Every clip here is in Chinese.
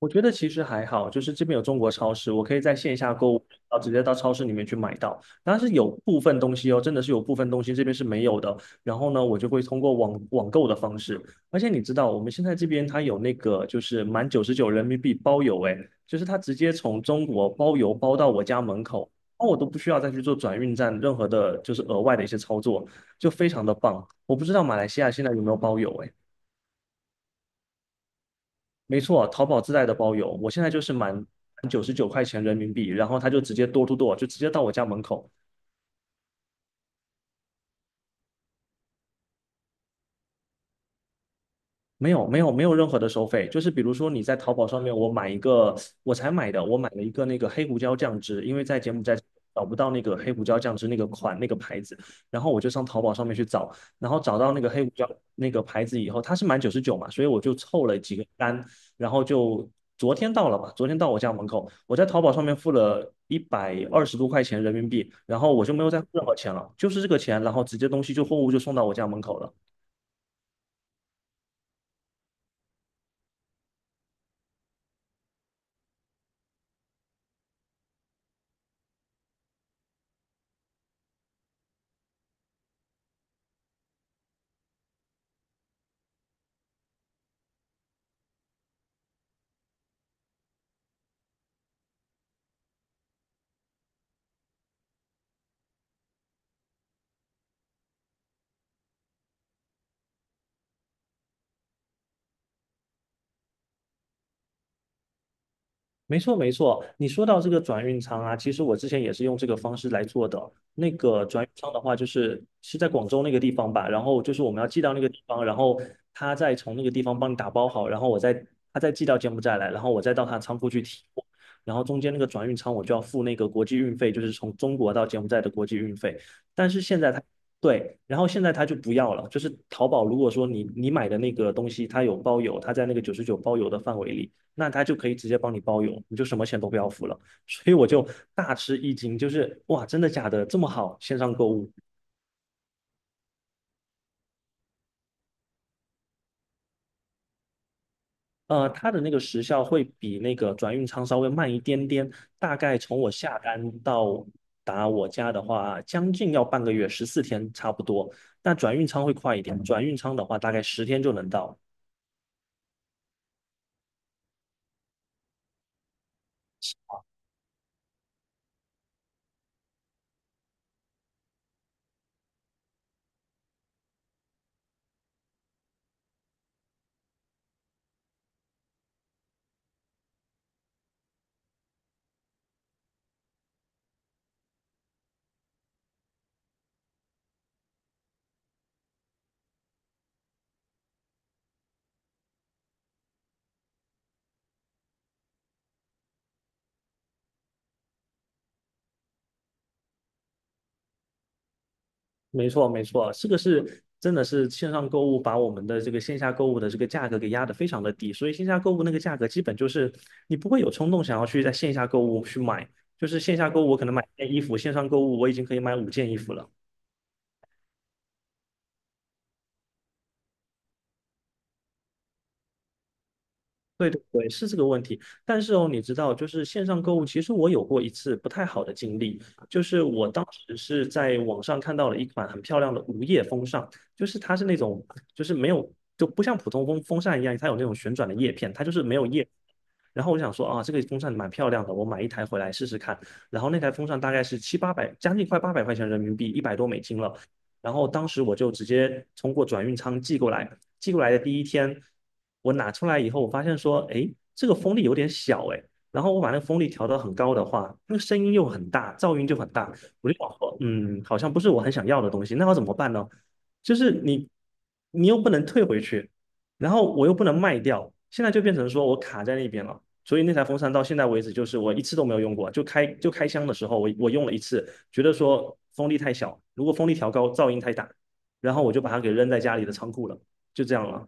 我觉得其实还好，就是这边有中国超市，我可以在线下购物，然后直接到超市里面去买到。但是有部分东西哦，真的是有部分东西这边是没有的。然后呢，我就会通过网购的方式。而且你知道，我们现在这边它有那个就是满99人民币包邮，诶，就是它直接从中国包邮包到我家门口，那我都不需要再去做转运站任何的，就是额外的一些操作，就非常的棒。我不知道马来西亚现在有没有包邮，诶。没错，淘宝自带的包邮，我现在就是满99块钱人民币，然后他就直接 d o o 就直接到我家门口，没有没有没有任何的收费，就是比如说你在淘宝上面，我买一个，我才买的，我买了一个那个黑胡椒酱汁，因为在柬埔寨找不到那个黑胡椒酱汁那个款那个牌子，然后我就上淘宝上面去找，然后找到那个黑胡椒那个牌子以后，它是满九十九嘛，所以我就凑了几个单，然后就昨天到了吧，昨天到我家门口，我在淘宝上面付了120多块钱人民币，然后我就没有再付任何钱了，就是这个钱，然后直接东西就货物就送到我家门口了。没错，没错。你说到这个转运仓啊，其实我之前也是用这个方式来做的。那个转运仓的话，就是是在广州那个地方吧，然后就是我们要寄到那个地方，然后他再从那个地方帮你打包好，然后我再他再寄到柬埔寨来，然后我再到他仓库去提货，然后中间那个转运仓我就要付那个国际运费，就是从中国到柬埔寨的国际运费。但是现在他对，然后现在他就不要了，就是淘宝如果说你买的那个东西它有包邮，它在那个99包邮的范围里。那他就可以直接帮你包邮，你就什么钱都不要付了。所以我就大吃一惊，就是哇，真的假的？这么好，线上购物。它的那个时效会比那个转运仓稍微慢一点点，大概从我下单到达我家的话，将近要半个月，14天差不多。但转运仓会快一点，转运仓的话大概10天就能到。没错，没错，这个是真的是线上购物把我们的这个线下购物的这个价格给压得非常的低，所以线下购物那个价格基本就是你不会有冲动想要去在线下购物去买，就是线下购物我可能买一件衣服，线上购物我已经可以买5件衣服了。对对对，是这个问题。但是哦，你知道，就是线上购物，其实我有过一次不太好的经历，就是我当时是在网上看到了一款很漂亮的无叶风扇，就是它是那种，就是没有，就不像普通风扇一样，它有那种旋转的叶片，它就是没有叶。然后我想说啊，这个风扇蛮漂亮的，我买一台回来试试看。然后那台风扇大概是七八百，将近快800块钱人民币，一百多美金了。然后当时我就直接通过转运仓寄过来，寄过来的第一天，我拿出来以后，我发现说，哎，这个风力有点小，哎，然后我把那个风力调到很高的话，那个声音又很大，噪音就很大，我就想说，嗯，好像不是我很想要的东西，那要怎么办呢？就是你，你又不能退回去，然后我又不能卖掉，现在就变成说我卡在那边了。所以那台风扇到现在为止，就是我一次都没有用过，就开箱的时候我用了一次，觉得说风力太小，如果风力调高，噪音太大，然后我就把它给扔在家里的仓库了。就这样了。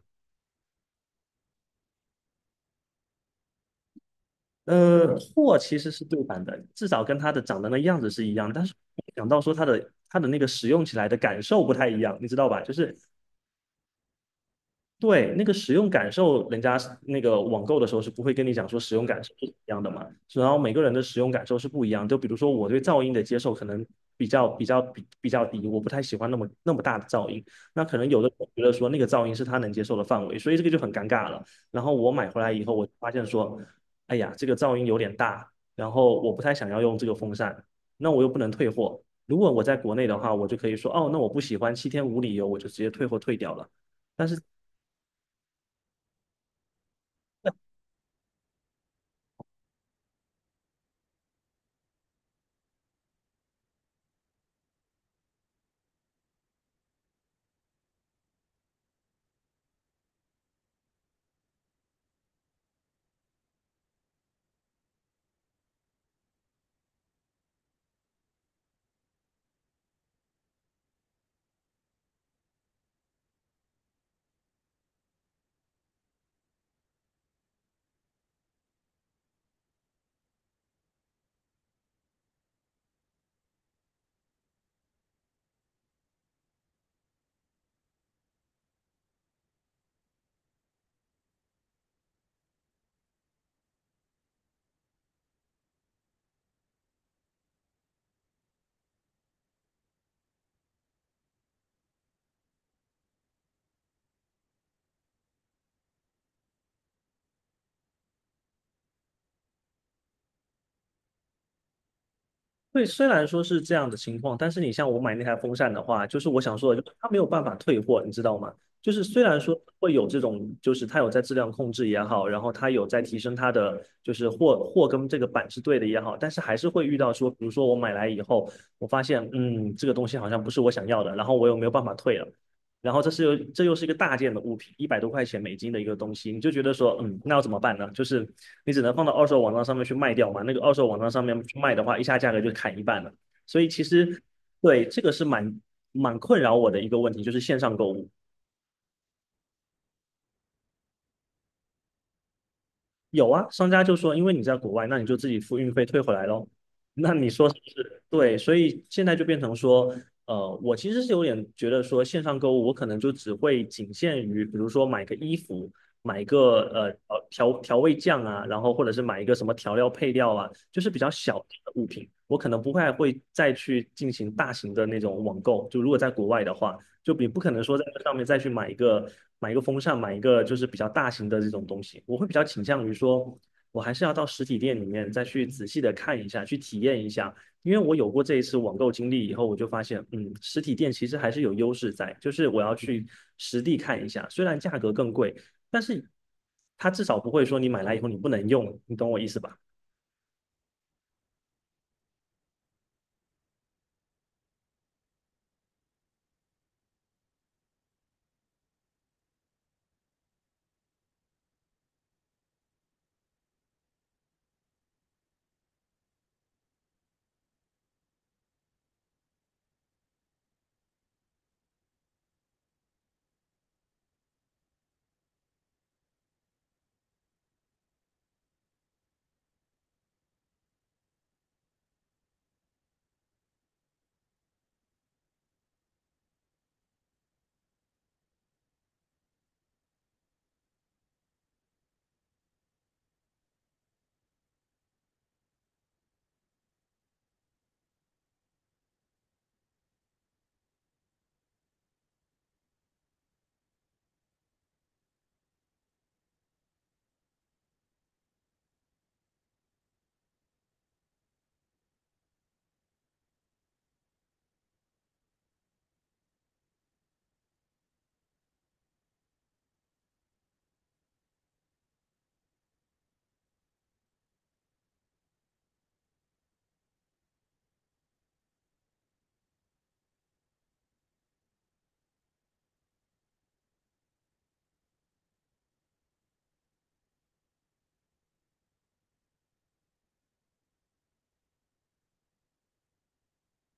货其实是对版的，至少跟它的长得那样子是一样，但是想到说它的那个使用起来的感受不太一样，你知道吧？就是对，那个使用感受，人家是那个网购的时候是不会跟你讲说使用感受是怎么样的嘛，然后每个人的使用感受是不一样。就比如说我对噪音的接受可能比较低，我不太喜欢那么那么大的噪音。那可能有的人觉得说那个噪音是他能接受的范围，所以这个就很尴尬了。然后我买回来以后，我就发现说，哎呀，这个噪音有点大，然后我不太想要用这个风扇，那我又不能退货。如果我在国内的话，我就可以说，哦，那我不喜欢，7天无理由，我就直接退货退掉了。但是对，虽然说是这样的情况，但是你像我买那台风扇的话，就是我想说的，就是它没有办法退货，你知道吗？就是虽然说会有这种，就是它有在质量控制也好，然后它有在提升它的，就是货跟这个板是对的也好，但是还是会遇到说，比如说我买来以后，我发现，嗯，这个东西好像不是我想要的，然后我又没有办法退了，然后这是又这又是一个大件的物品，100多块钱美金的一个东西，你就觉得说，嗯，那要怎么办呢？就是你只能放到二手网站上面去卖掉嘛。那个二手网站上面去卖的话，一下价格就砍一半了。所以其实对这个是蛮困扰我的一个问题，就是线上购物。有啊，商家就说，因为你在国外，那你就自己付运费退回来咯。那你说是不是？对，所以现在就变成说，我其实是有点觉得说，线上购物我可能就只会仅限于，比如说买个衣服，买个调味酱啊，然后或者是买一个什么调料配料啊，就是比较小的物品，我可能不会还会再去进行大型的那种网购。就如果在国外的话，就你不可能说在这上面再去买一个风扇，买一个就是比较大型的这种东西。我会比较倾向于说，我还是要到实体店里面再去仔细的看一下，去体验一下。因为我有过这一次网购经历以后，我就发现，嗯，实体店其实还是有优势在，就是我要去实地看一下，虽然价格更贵，但是它至少不会说你买来以后你不能用，你懂我意思吧？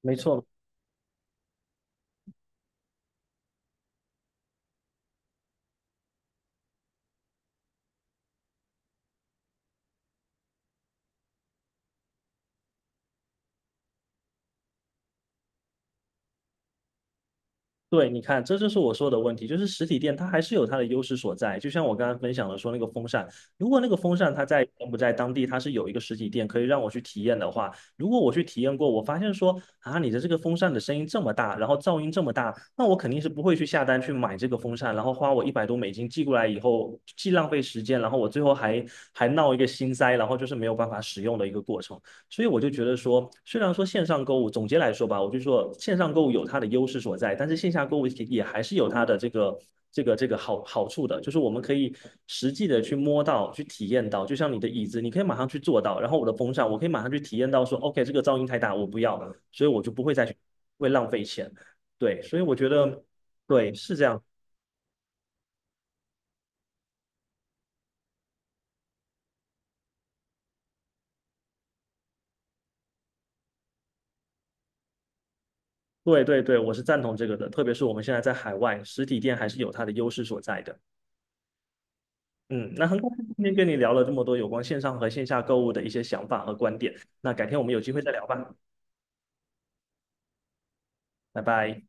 没错，对，你看，这就是我说的问题，就是实体店它还是有它的优势所在。就像我刚刚分享的说那个风扇，如果那个风扇它在柬埔寨当地它是有一个实体店可以让我去体验的话，如果我去体验过，我发现说啊，你的这个风扇的声音这么大，然后噪音这么大，那我肯定是不会去下单去买这个风扇，然后花我一百多美金寄过来以后，既浪费时间，然后我最后还闹一个心塞，然后就是没有办法使用的一个过程。所以我就觉得说，虽然说线上购物，总结来说吧，我就说线上购物有它的优势所在，但是线下购物也还是有它的这个好处的，就是我们可以实际的去摸到、去体验到，就像你的椅子，你可以马上去坐到，然后我的风扇，我可以马上去体验到说，OK，这个噪音太大，我不要，所以我就不会再去会浪费钱。对，所以我觉得对是这样，对对对，我是赞同这个的，特别是我们现在在海外，实体店还是有它的优势所在的。嗯，那很高兴今天跟你聊了这么多有关线上和线下购物的一些想法和观点。那改天我们有机会再聊吧，拜拜。